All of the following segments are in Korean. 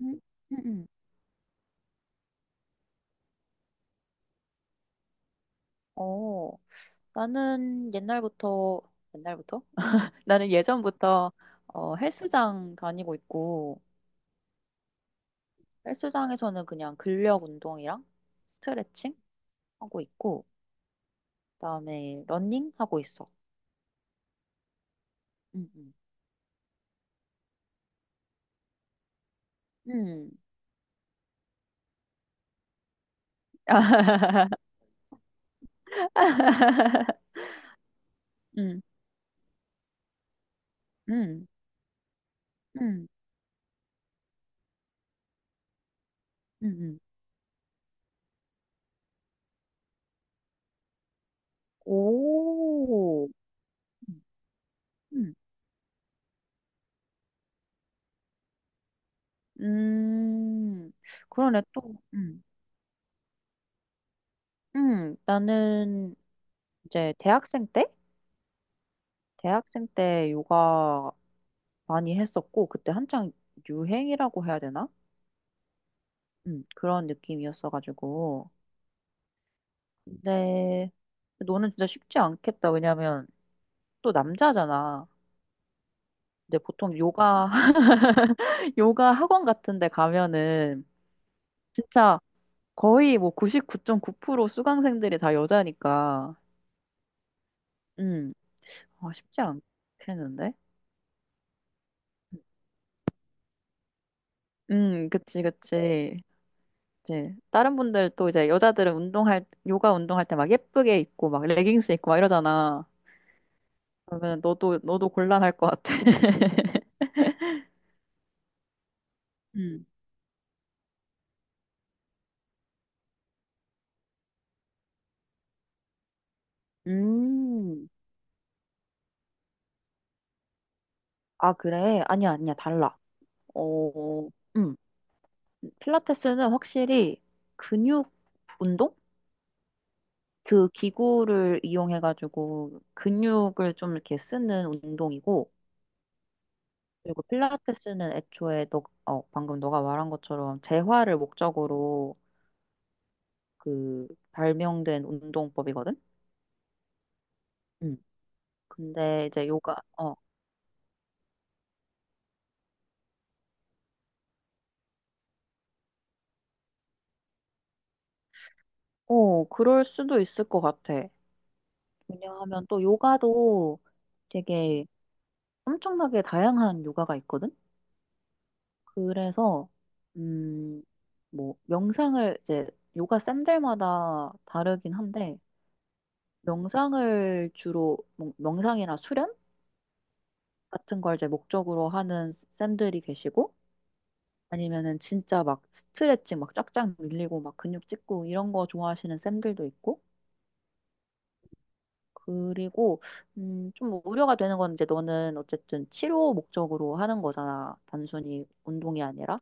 음, 음, 음. 어, 나는 옛날부터, 옛날부터? 나는 예전부터 헬스장 다니고 있고, 헬스장에서는 그냥 근력 운동이랑 스트레칭 하고 있고, 그다음에 러닝 하고 있어. 음, 음. 음, 음, 음, 음, 음. 오, 음, 음, 그러네, 또, 나는 이제 대학생 때? 대학생 때 요가 많이 했었고, 그때 한창 유행이라고 해야 되나? 그런 느낌이었어가지고. 근데 너는 진짜 쉽지 않겠다. 왜냐면 또 남자잖아. 근데 보통 요가, 요가 학원 같은 데 가면은 진짜 거의 뭐 99.9% 수강생들이 다 여자니까. 음, 아, 쉽지 않겠는데? 음, 그치, 그치. 이제 다른 분들 또 이제 여자들은 운동할 요가 운동할 때 막 예쁘게 입고 막 레깅스 입고 막 이러잖아. 그러면 너도 곤란할 것 같아. 음. 음. 아, 그래? 아니야, 아니야, 달라. 어, 음. 필라테스는 확실히 근육 운동? 그 기구를 이용해가지고 근육을 좀 이렇게 쓰는 운동이고, 그리고 필라테스는 애초에 방금 너가 말한 것처럼 재활을 목적으로 그 발명된 운동법이거든? 음. 근데 이제 그럴 수도 있을 것 같아. 왜냐하면 또 요가도 되게 엄청나게 다양한 요가가 있거든? 그래서, 음, 뭐, 명상을 이제 요가 쌤들마다 다르긴 한데, 명상을 주로, 뭐 명상이나 수련 같은 걸 이제 목적으로 하는 쌤들이 계시고, 아니면은 진짜 막 스트레칭 막 쫙쫙 밀리고 막 근육 찍고 이런 거 좋아하시는 쌤들도 있고, 그리고 좀 우려가 되는 건, 이제 너는 어쨌든 치료 목적으로 하는 거잖아, 단순히 운동이 아니라.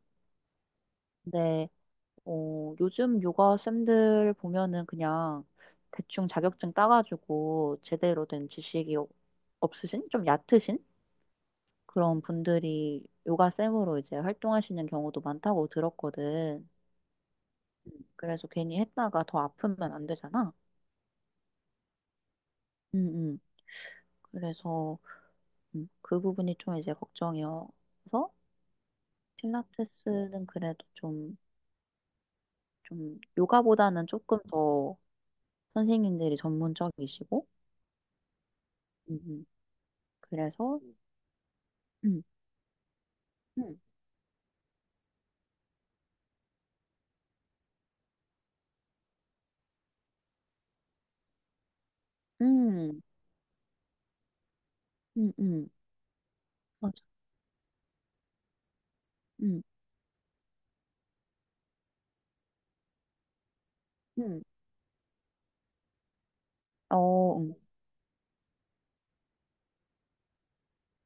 근데 요즘 요가 쌤들 보면은 그냥 대충 자격증 따가지고 제대로 된 지식이 없으신, 좀 얕으신 그런 분들이 요가 쌤으로 이제 활동하시는 경우도 많다고 들었거든. 그래서 괜히 했다가 더 아프면 안 되잖아. 응, 그래서 그 부분이 좀 이제 걱정이어서, 필라테스는 그래도 좀 요가보다는 조금 더 선생님들이 전문적이시고. 응, 응, 그래서. 응, 음, 음, 응, 응, 맞아. 응, 응, 어,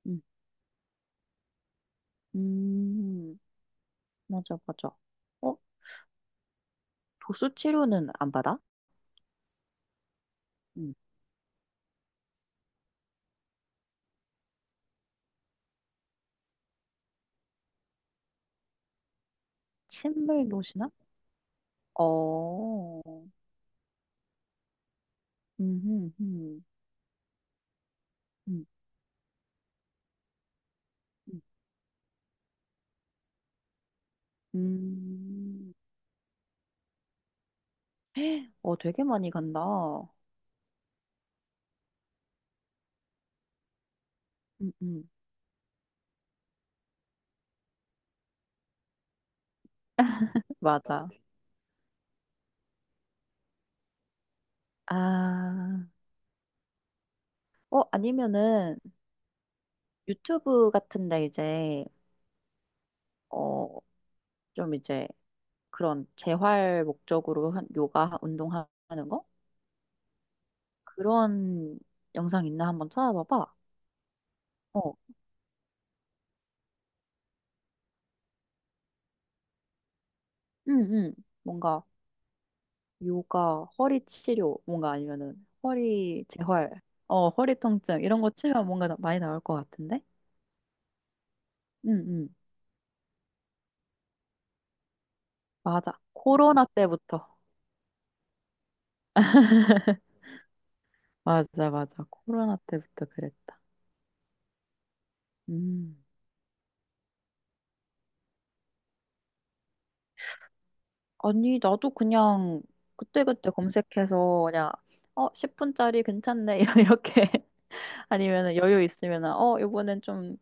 응, 음, 맞아, 맞아. 어, 도수 치료는 안 받아? 응. 침을 놓으시나? 어, 음, 음, 음. 음. 음. 어, 되게 많이 간다. 음, 음. 맞아. 아, 아니면은 유튜브 같은데 이제, 어, 좀 이제 그런 재활 목적으로 한 요가 운동하는 거? 그런 영상 있나 한번 찾아봐봐. 어, 응, 응. 뭔가 요가, 허리 치료, 뭔가 아니면은 허리 재활, 허리 통증, 이런 거 치면 뭔가 많이 나올 것 같은데? 응, 응. 맞아. 코로나 때부터. 맞아, 맞아. 코로나 때부터 그랬다. 음. 아니, 나도 그냥 그때그때 검색해서 그냥 10분짜리 괜찮네. 이렇게, 아니면은 여유 있으면은 이번엔 좀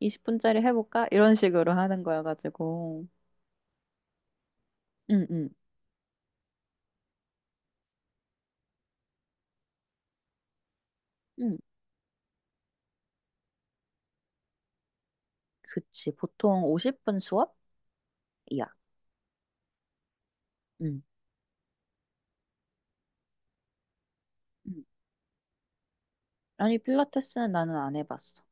20분짜리 해 볼까? 이런 식으로 하는 거여 가지고. 응, 응. 응, 그치. 보통 50분 수업이야. 응, 응. 아니, 필라테스는 나는 안 해봤어.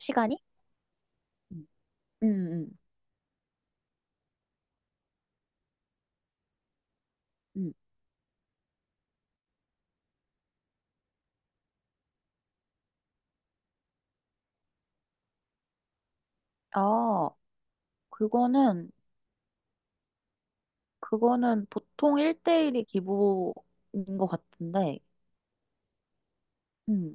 시간이? 응응, 응, 응, 아, 그거는 그거는 보통 1대1이 기본인 것 같은데. 음.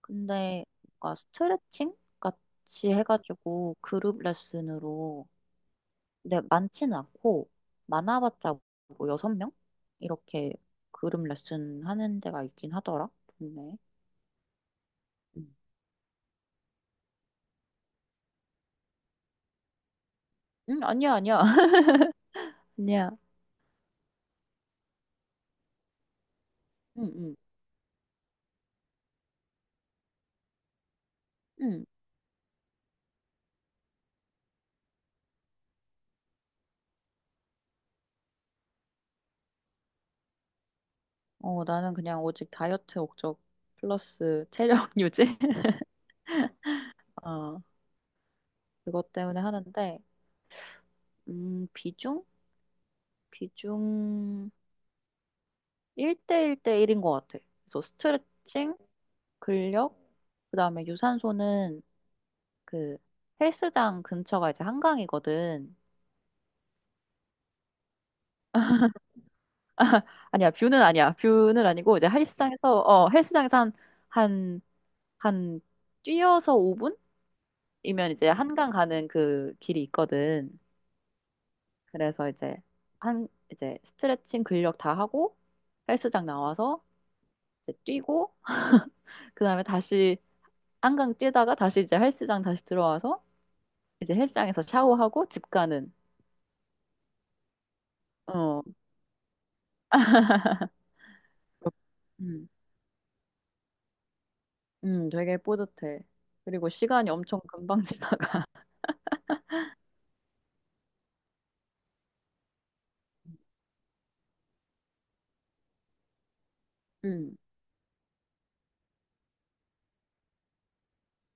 근데 뭔가 스트레칭 같이 해가지고 그룹 레슨으로, 근데 많지는 않고, 많아봤자 뭐 6명? 이렇게 그룹 레슨 하는 데가 있긴 하더라, 동네에. 음. 응, 아니야, 아니야. 아니야. 응, 응, 응. 어, 나는 그냥 오직 다이어트 목적 플러스 체력 유지? 어, 그것 때문에 하는데. 비중? 비중 1대1대1인 것 같아. 그래서 스트레칭, 근력, 그다음에 유산소는 그 헬스장 근처가 이제 한강이거든. 아니야, 뷰는 아니야. 뷰는 아니고, 이제 헬스장에서 한, 한 뛰어서 5분이면 이제 한강 가는 그 길이 있거든. 그래서 이제 한 이제 스트레칭 근력 다 하고 헬스장 나와서 이제 뛰고, 그다음에 다시 한강 뛰다가 다시 이제 헬스장 다시 들어와서 이제 헬스장에서 샤워하고 집 가는. 어. 음. 되게 뿌듯해. 그리고 시간이 엄청 금방 지나가. 음.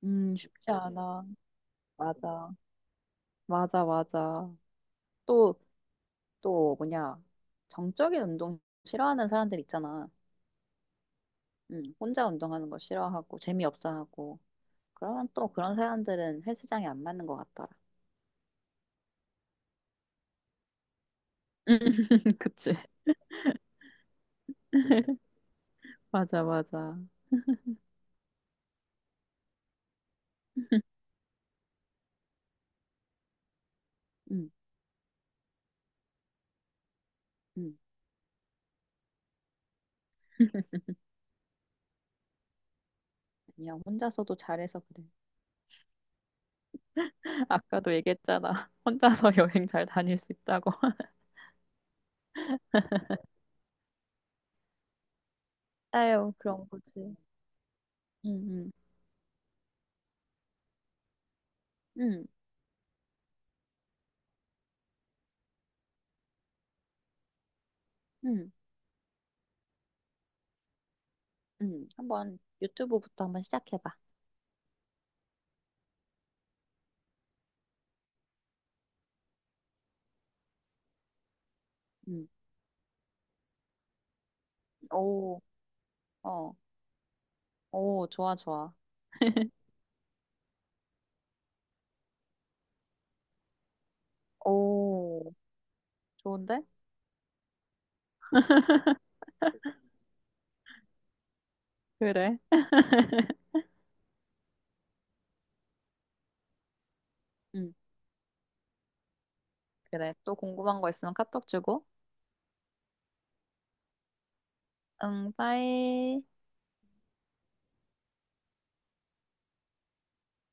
쉽지 않아. 맞아. 맞아, 맞아. 또, 또 뭐냐. 정적인 운동 싫어하는 사람들 있잖아. 혼자 운동하는 거 싫어하고 재미없어 하고. 그러면 또 그런 사람들은 헬스장에 안 맞는 것 같더라. 음, 그치. 맞아, 맞아. 음, 음. 그냥 혼자서도 잘해서 그래. 아까도 얘기했잖아. 혼자서 여행 잘 다닐 수 있다고. 아유, 그런 거지. 응, 응, 응, 응, 응. 한번 유튜브부터 한번 시작해봐. 응. 오, 어, 오, 좋아, 좋아. 오, 좋은데? 그래. 응, 그래. 또 궁금한 거 있으면 카톡 주고. 응, 빠이.